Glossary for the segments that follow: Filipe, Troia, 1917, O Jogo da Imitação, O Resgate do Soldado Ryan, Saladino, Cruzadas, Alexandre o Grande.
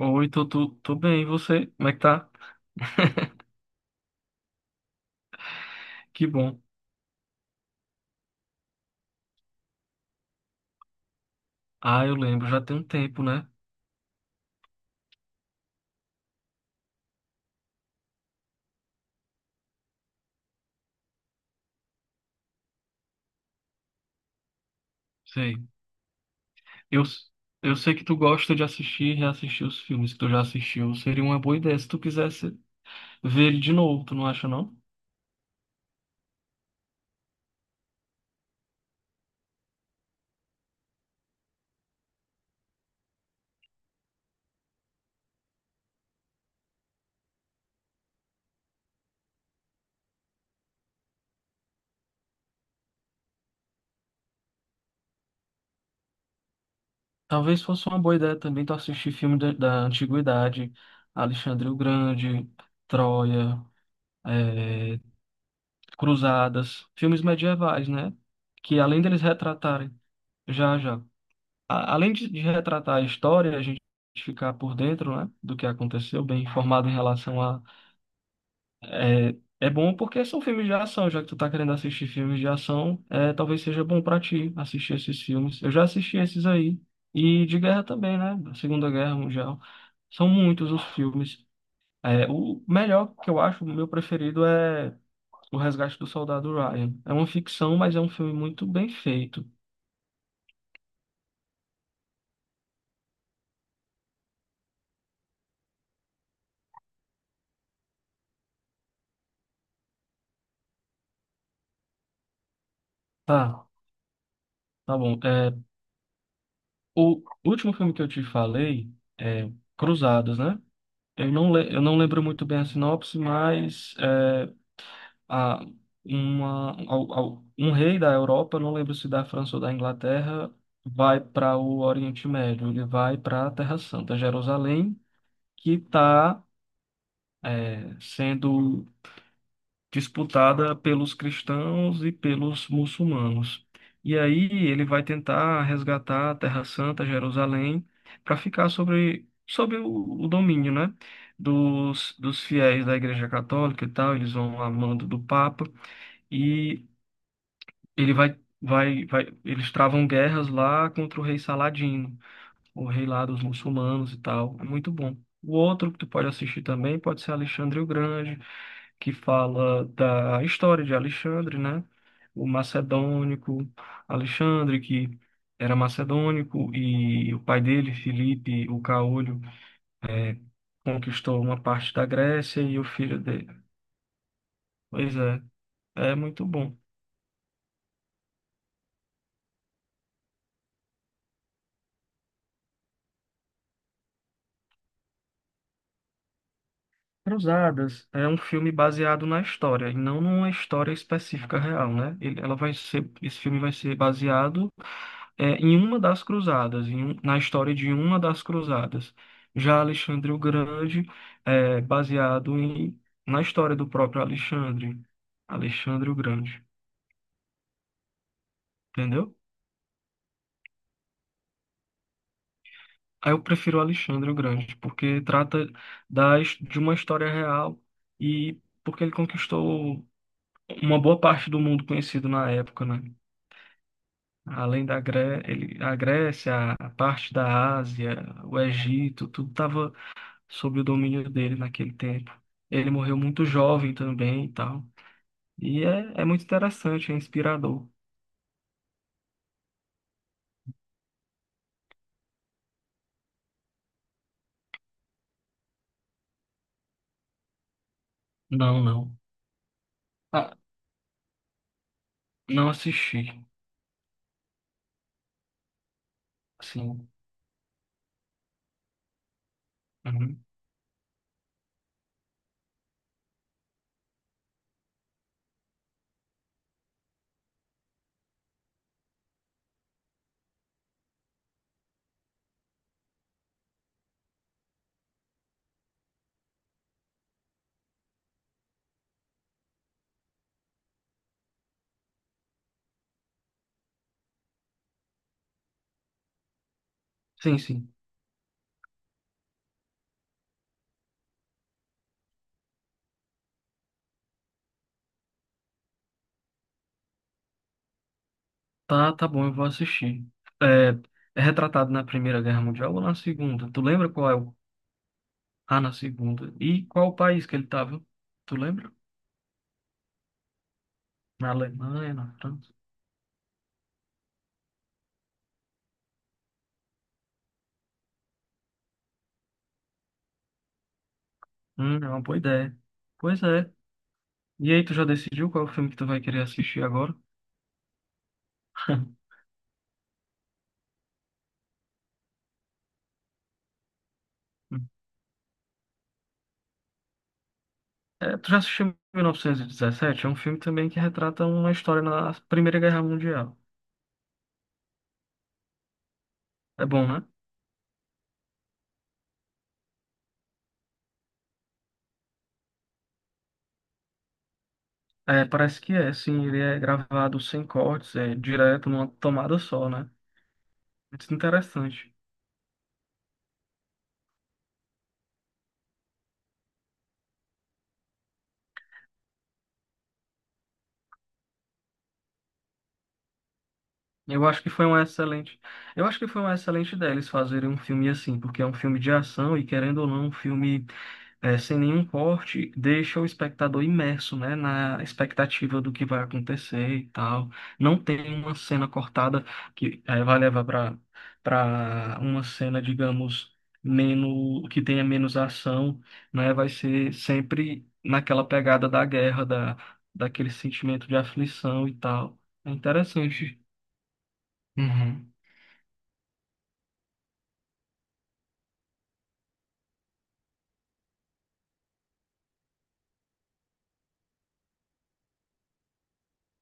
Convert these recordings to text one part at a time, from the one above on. Oi, tô bem, e você? Como é que tá? Que bom. Ah, eu lembro, já tem um tempo, né? Sei. Eu, eu sei que tu gosta de assistir e reassistir os filmes que tu já assistiu. Seria uma boa ideia se tu quisesse ver ele de novo, tu não acha, não? Talvez fosse uma boa ideia também tu assistir filme da antiguidade, Alexandre o Grande, Troia, eh, Cruzadas, filmes medievais, né? Que além deles retratarem, já, já. Além de retratar a história, a gente ficar por dentro, né, do que aconteceu, bem informado em relação a. É bom porque são filmes de ação, já que tu tá querendo assistir filmes de ação, é, talvez seja bom pra ti assistir esses filmes. Eu já assisti esses aí. E de guerra também, né? Da Segunda Guerra Mundial. São muitos os filmes. É, o melhor que eu acho, o meu preferido é O Resgate do Soldado Ryan. É uma ficção, mas é um filme muito bem feito. Tá, tá bom. É, o último filme que eu te falei é Cruzados, né? Eu não lembro muito bem a sinopse, mas é, a, uma, al- al- um rei da Europa, eu não lembro se da França ou da Inglaterra, vai para o Oriente Médio, ele vai para a Terra Santa, Jerusalém, que está sendo disputada pelos cristãos e pelos muçulmanos. E aí ele vai tentar resgatar a Terra Santa, Jerusalém, para ficar sobre o domínio, né, dos fiéis da Igreja Católica e tal. Eles vão a mando do Papa e ele vai, eles travam guerras lá contra o rei Saladino, o rei lá dos muçulmanos e tal. É muito bom. O outro que tu pode assistir também pode ser Alexandre o Grande, que fala da história de Alexandre, né? O macedônico Alexandre, que era macedônico, e o pai dele, Filipe, o caolho, é, conquistou uma parte da Grécia e o filho dele. Pois é, é muito bom. Cruzadas é um filme baseado na história, e não numa história específica real, né? Ele, ela vai ser, esse filme vai ser baseado em uma das cruzadas, na história de uma das cruzadas. Já Alexandre o Grande é baseado na história do próprio Alexandre, Alexandre o Grande, entendeu? Aí eu prefiro Alexandre o Grande, porque trata de uma história real e porque ele conquistou uma boa parte do mundo conhecido na época, né? Além a Grécia, a parte da Ásia, o Egito, tudo estava sob o domínio dele naquele tempo. Ele morreu muito jovem também e tal. E é muito interessante, é inspirador. Não, não. Ah, não assisti. Sim. Uhum. Sim, sim. Tá, tá bom, eu vou assistir. É, é retratado na Primeira Guerra Mundial ou na Segunda? Tu lembra qual é o. Ah, na Segunda. E qual o país que ele estava? Tu lembra? Na Alemanha, na França? É uma boa ideia. Pois é. E aí, tu já decidiu qual é o filme que tu vai querer assistir agora? Hum. É, tu já assistiu 1917? É um filme também que retrata uma história na Primeira Guerra Mundial. É bom, né? É, parece que é, sim. Ele é gravado sem cortes, é direto numa tomada só, né? Muito interessante. Eu acho que foi uma excelente, eu acho que foi uma excelente ideia eles fazerem um filme assim, porque é um filme de ação e querendo ou não, um filme sem nenhum corte, deixa o espectador imerso, né, na expectativa do que vai acontecer e tal. Não tem uma cena cortada que vai levar para uma cena, digamos, menos que tenha menos ação, né? Vai ser sempre naquela pegada da guerra, da daquele sentimento de aflição e tal. É interessante. Uhum,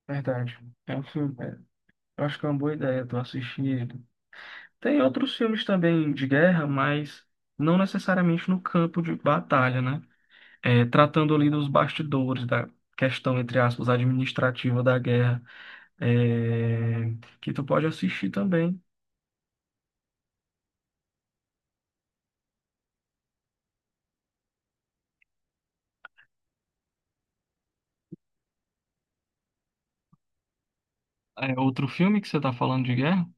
verdade. É um filme. Eu acho que é uma boa ideia tu assistir ele. Tem outros filmes também de guerra, mas não necessariamente no campo de batalha, né? É, tratando ali dos bastidores da questão, entre aspas, administrativa da guerra, é, que tu pode assistir também. É, outro filme que você tá falando de guerra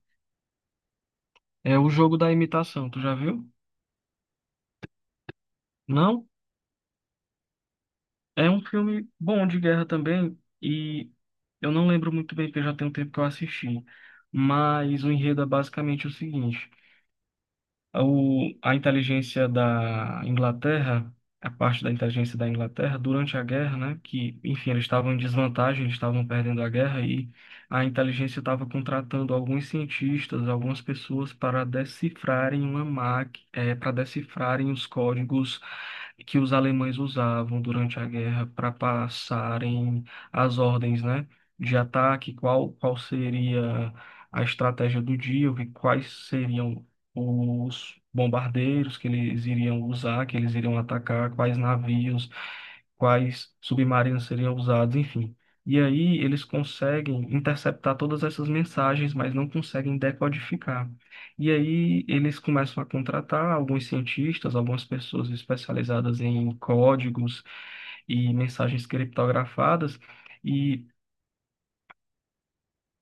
é O Jogo da Imitação, tu já viu? Não? É um filme bom de guerra também, e eu não lembro muito bem, porque já tem um tempo que eu assisti. Mas o enredo é basicamente o seguinte: a inteligência da Inglaterra, a parte da inteligência da Inglaterra, durante a guerra, né? Que, enfim, eles estavam em desvantagem, eles estavam perdendo a guerra, e a inteligência estava contratando alguns cientistas, algumas pessoas para decifrarem uma máquina, para decifrarem os códigos que os alemães usavam durante a guerra para passarem as ordens, né, de ataque, qual seria a estratégia do dia, quais seriam os bombardeiros que eles iriam usar, que eles iriam atacar, quais navios, quais submarinos seriam usados, enfim. E aí eles conseguem interceptar todas essas mensagens, mas não conseguem decodificar. E aí eles começam a contratar alguns cientistas, algumas pessoas especializadas em códigos e mensagens criptografadas, e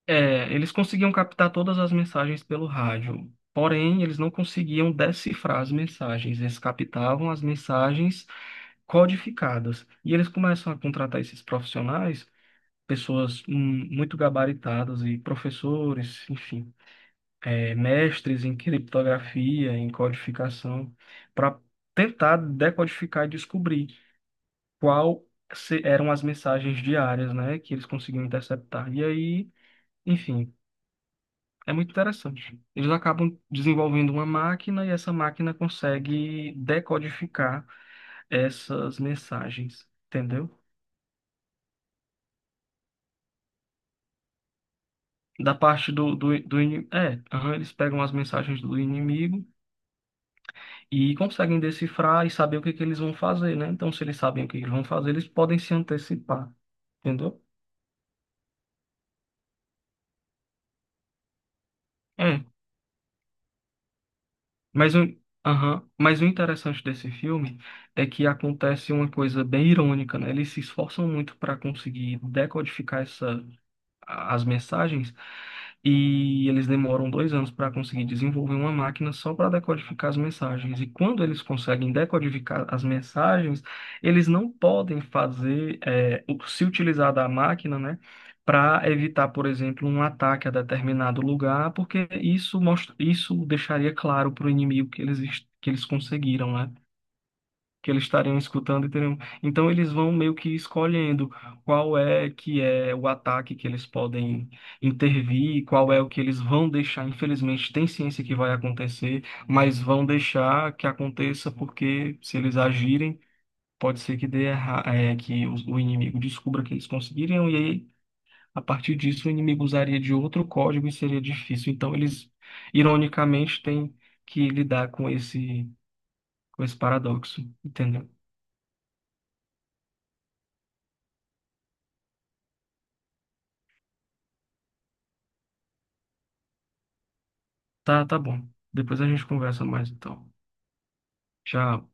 eles conseguiam captar todas as mensagens pelo rádio. Porém, eles não conseguiam decifrar as mensagens, eles captavam as mensagens codificadas. E eles começam a contratar esses profissionais, pessoas muito gabaritadas e professores, enfim mestres em criptografia, em codificação, para tentar decodificar e descobrir qual se- eram as mensagens diárias, né, que eles conseguiam interceptar. E aí, enfim, é muito interessante. Eles acabam desenvolvendo uma máquina e essa máquina consegue decodificar essas mensagens, entendeu? Da parte do, do, do ini- é, Aham, eles pegam as mensagens do inimigo e conseguem decifrar e saber o que que eles vão fazer, né? Então, se eles sabem o que eles vão fazer, eles podem se antecipar, entendeu? É, mas o, aham, mas o interessante desse filme é que acontece uma coisa bem irônica, né? Eles se esforçam muito para conseguir decodificar essa as mensagens e eles demoram 2 anos para conseguir desenvolver uma máquina só para decodificar as mensagens. E quando eles conseguem decodificar as mensagens, eles não podem fazer, se utilizar da máquina, né? Para evitar, por exemplo, um ataque a determinado lugar, porque isso mostra, isso deixaria claro para o inimigo que eles conseguiram, né? Que eles estariam escutando e teriam. Então eles vão meio que escolhendo qual é que é o ataque que eles podem intervir, qual é o que eles vão deixar. Infelizmente tem ciência que vai acontecer, mas vão deixar que aconteça porque se eles agirem, pode ser que dê erra... é, que o inimigo descubra que eles conseguiriam e aí a partir disso o inimigo usaria de outro código e seria difícil. Então eles ironicamente têm que lidar com esse paradoxo, entendeu? Tá, tá bom. Depois a gente conversa mais, então. Tchau.